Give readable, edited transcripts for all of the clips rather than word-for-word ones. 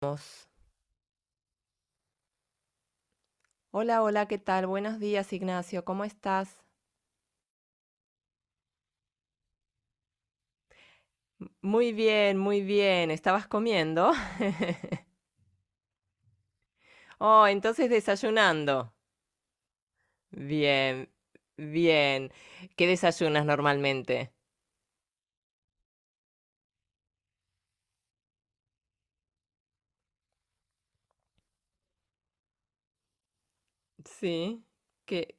Vamos. Hola, hola, ¿qué tal? Buenos días, Ignacio, ¿cómo estás? Muy bien, muy bien. ¿Estabas comiendo? Oh, entonces desayunando. Bien, bien. ¿Qué desayunas normalmente? Sí. ¿Qué,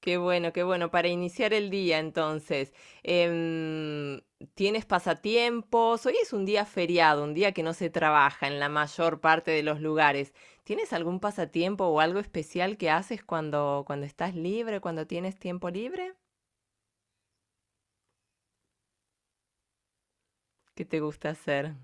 Qué bueno, qué bueno. Para iniciar el día, entonces, em, ¿tienes pasatiempos? Hoy es un día feriado, un día que no se trabaja en la mayor parte de los lugares. ¿Tienes algún pasatiempo o algo especial que haces cuando estás libre, cuando tienes tiempo libre? ¿Qué te gusta hacer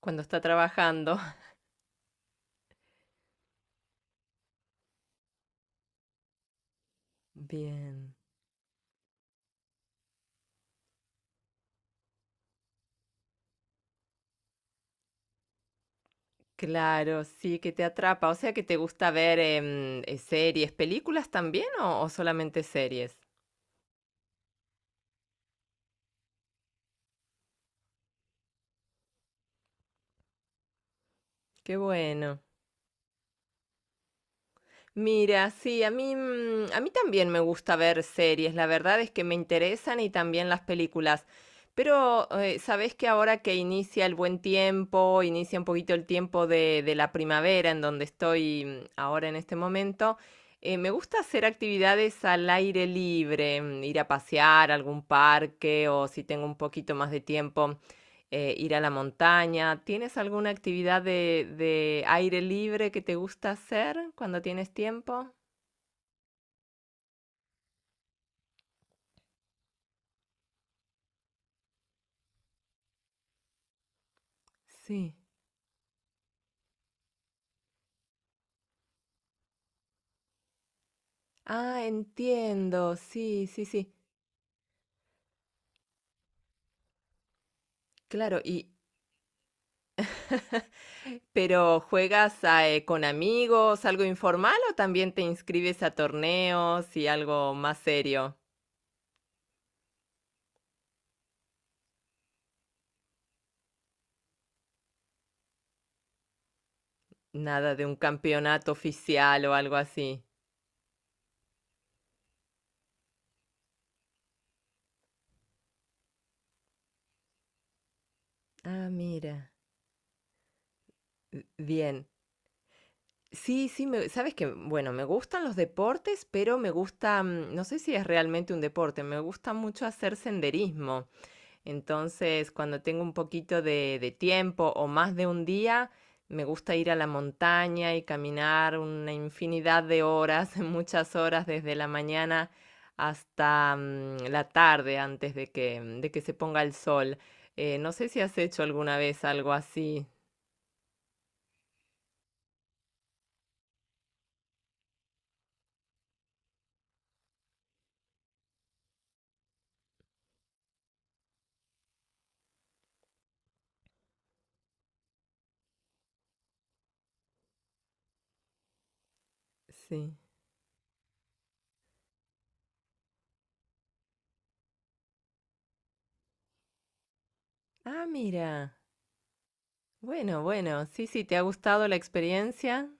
cuando está trabajando? Bien. Claro, sí, que te atrapa. O sea, que te gusta ver series, películas también o solamente series. Qué bueno. Mira, sí, a mí, a mí también me gusta ver series, la verdad es que me interesan y también las películas. Pero sabés que ahora que inicia el buen tiempo, inicia un poquito el tiempo de la primavera en donde estoy ahora en este momento, me gusta hacer actividades al aire libre, mm, ir a pasear a algún parque o si tengo un poquito más de tiempo ir a la montaña. ¿Tienes alguna actividad de aire libre que te gusta hacer cuando tienes tiempo? Sí. Ah, entiendo. Sí, sí, sí. Claro. Pero ¿juegas a, con amigos, algo informal o también te inscribes a torneos y algo más serio? Nada de un campeonato oficial o algo así. Ah, mira. Bien. Sí, sí, me sabes que, bueno, me gustan los deportes, pero me gusta, no sé si es realmente un deporte, me gusta mucho hacer senderismo. Entonces, cuando tengo un poquito de tiempo o más de un día, me gusta ir a la montaña y caminar una infinidad de horas, muchas horas desde la mañana hasta la tarde antes de de que se ponga el sol. No sé si has hecho alguna vez algo así. Sí. Ah, mira. Bueno, bueno, sí, sí, ¿te ha gustado la experiencia?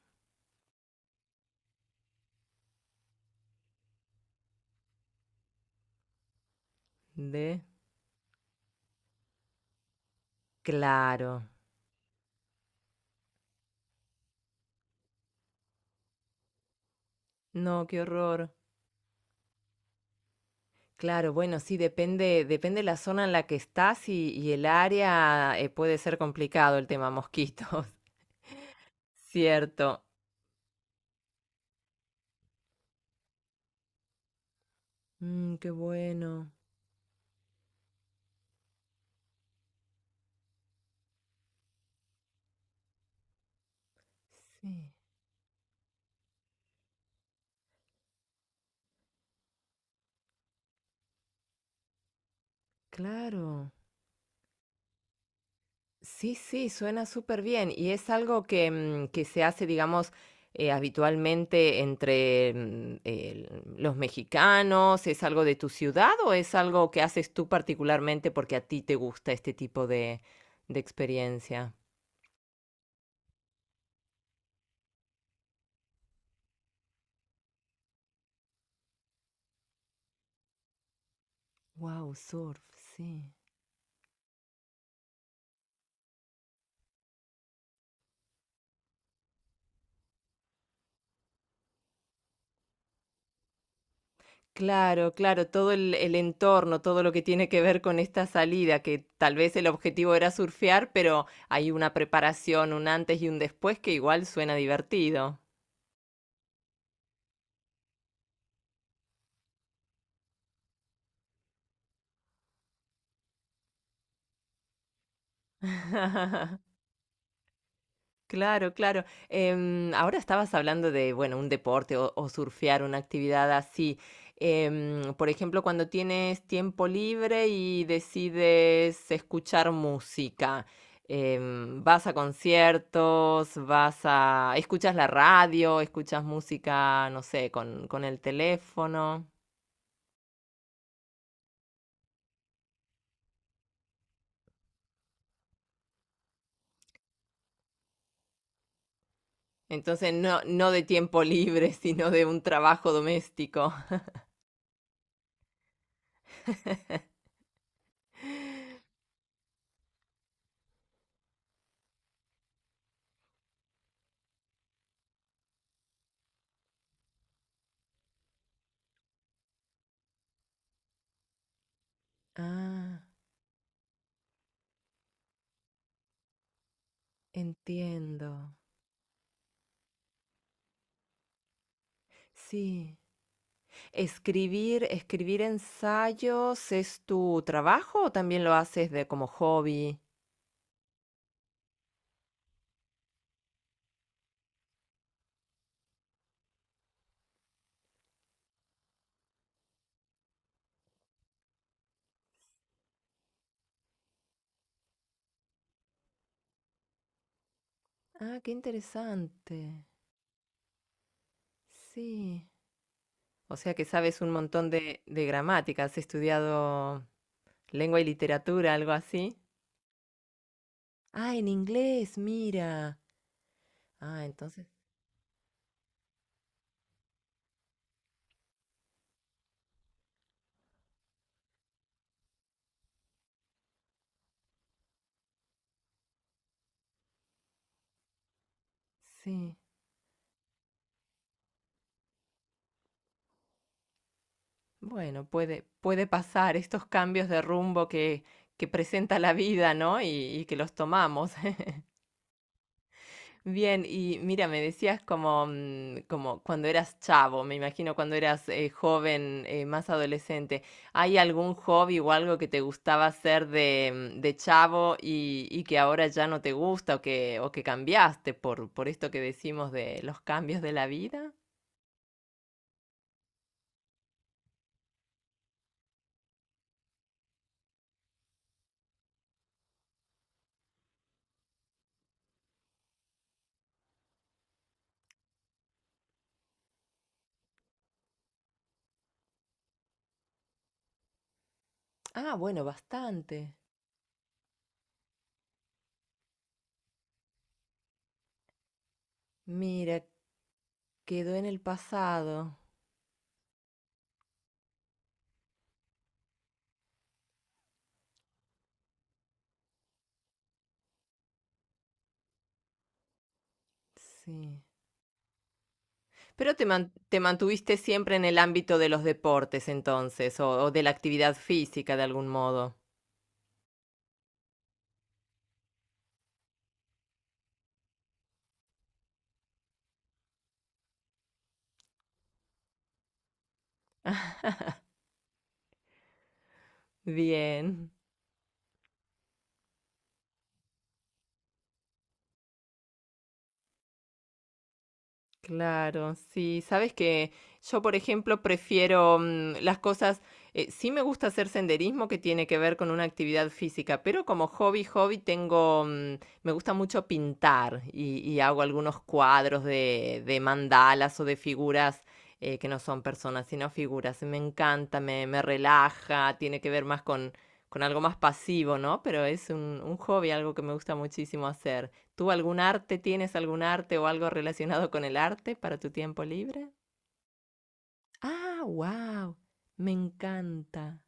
De... Claro. No, qué horror. Claro, bueno, sí, depende, depende la zona en la que estás y el área puede ser complicado el tema mosquitos. Cierto. Mm, qué bueno. Sí, claro. Sí, sí, suena súper bien. Y es algo que, que se hace, digamos, habitualmente entre los mexicanos. ¿Es algo de tu ciudad o es algo que haces tú particularmente porque a ti te gusta este tipo de experiencia? Wow, surf, sí. Claro, claro, todo el entorno, todo lo que tiene que ver con esta salida, que tal vez el objetivo era surfear, pero hay una preparación, un antes y un después que igual suena divertido. Claro, claro. Em, ahora estabas hablando de, bueno, un deporte o surfear, una actividad así. Em, por ejemplo, cuando tienes tiempo libre y decides escuchar música, em, vas a conciertos, vas a... escuchas la radio, escuchas música, no sé, con el teléfono. Entonces, no, no de tiempo libre, sino de un trabajo doméstico. Ah, entiendo. Sí. Escribir, escribir ensayos, ¿es tu trabajo o también lo haces de como hobby? Ah, qué interesante. Sí. O sea que sabes un montón de gramática. ¿Has estudiado lengua y literatura, algo así? Ah, en inglés, mira. Ah, entonces, sí. Bueno, puede, puede pasar estos cambios de rumbo que presenta la vida, ¿no? Y que los tomamos. Bien, y mira, me decías como, como cuando eras chavo, me imagino cuando eras joven, más adolescente, ¿hay algún hobby o algo que te gustaba hacer de, de chavo y que ahora ya no te gusta o que cambiaste por esto que decimos de los cambios de la vida? Ah, bueno, bastante. Mira, quedó en el pasado. Sí. Pero te mantuviste siempre en el ámbito de los deportes entonces, o de la actividad física de algún modo. Bien. Claro, sí, sabes que yo, por ejemplo, prefiero mm, las cosas, sí me gusta hacer senderismo que tiene que ver con una actividad física, pero como hobby, hobby tengo, me gusta mucho pintar y hago algunos cuadros de mandalas o de figuras que no son personas, sino figuras. Me encanta, me relaja, tiene que ver más con algo más pasivo, ¿no? Pero es un hobby, algo que me gusta muchísimo hacer. ¿Tú algún arte tienes algún arte o algo relacionado con el arte para tu tiempo libre? Ah, wow, me encanta.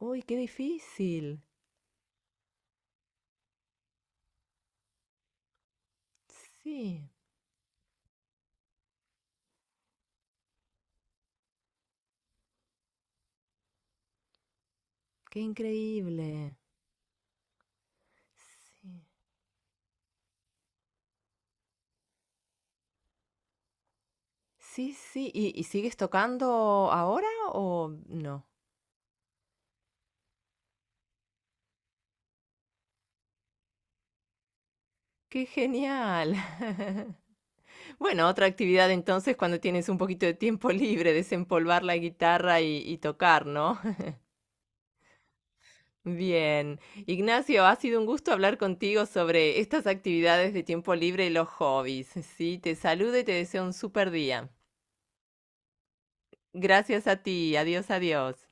Uy, qué difícil. Sí, qué increíble. Sí, sí, sí. Y sigues tocando ahora o no? Qué genial. Bueno, otra actividad entonces cuando tienes un poquito de tiempo libre, desempolvar la guitarra y tocar, ¿no? Bien. Ignacio, ha sido un gusto hablar contigo sobre estas actividades de tiempo libre y los hobbies. Sí, te saludo y te deseo un super día. Gracias a ti. Adiós, adiós.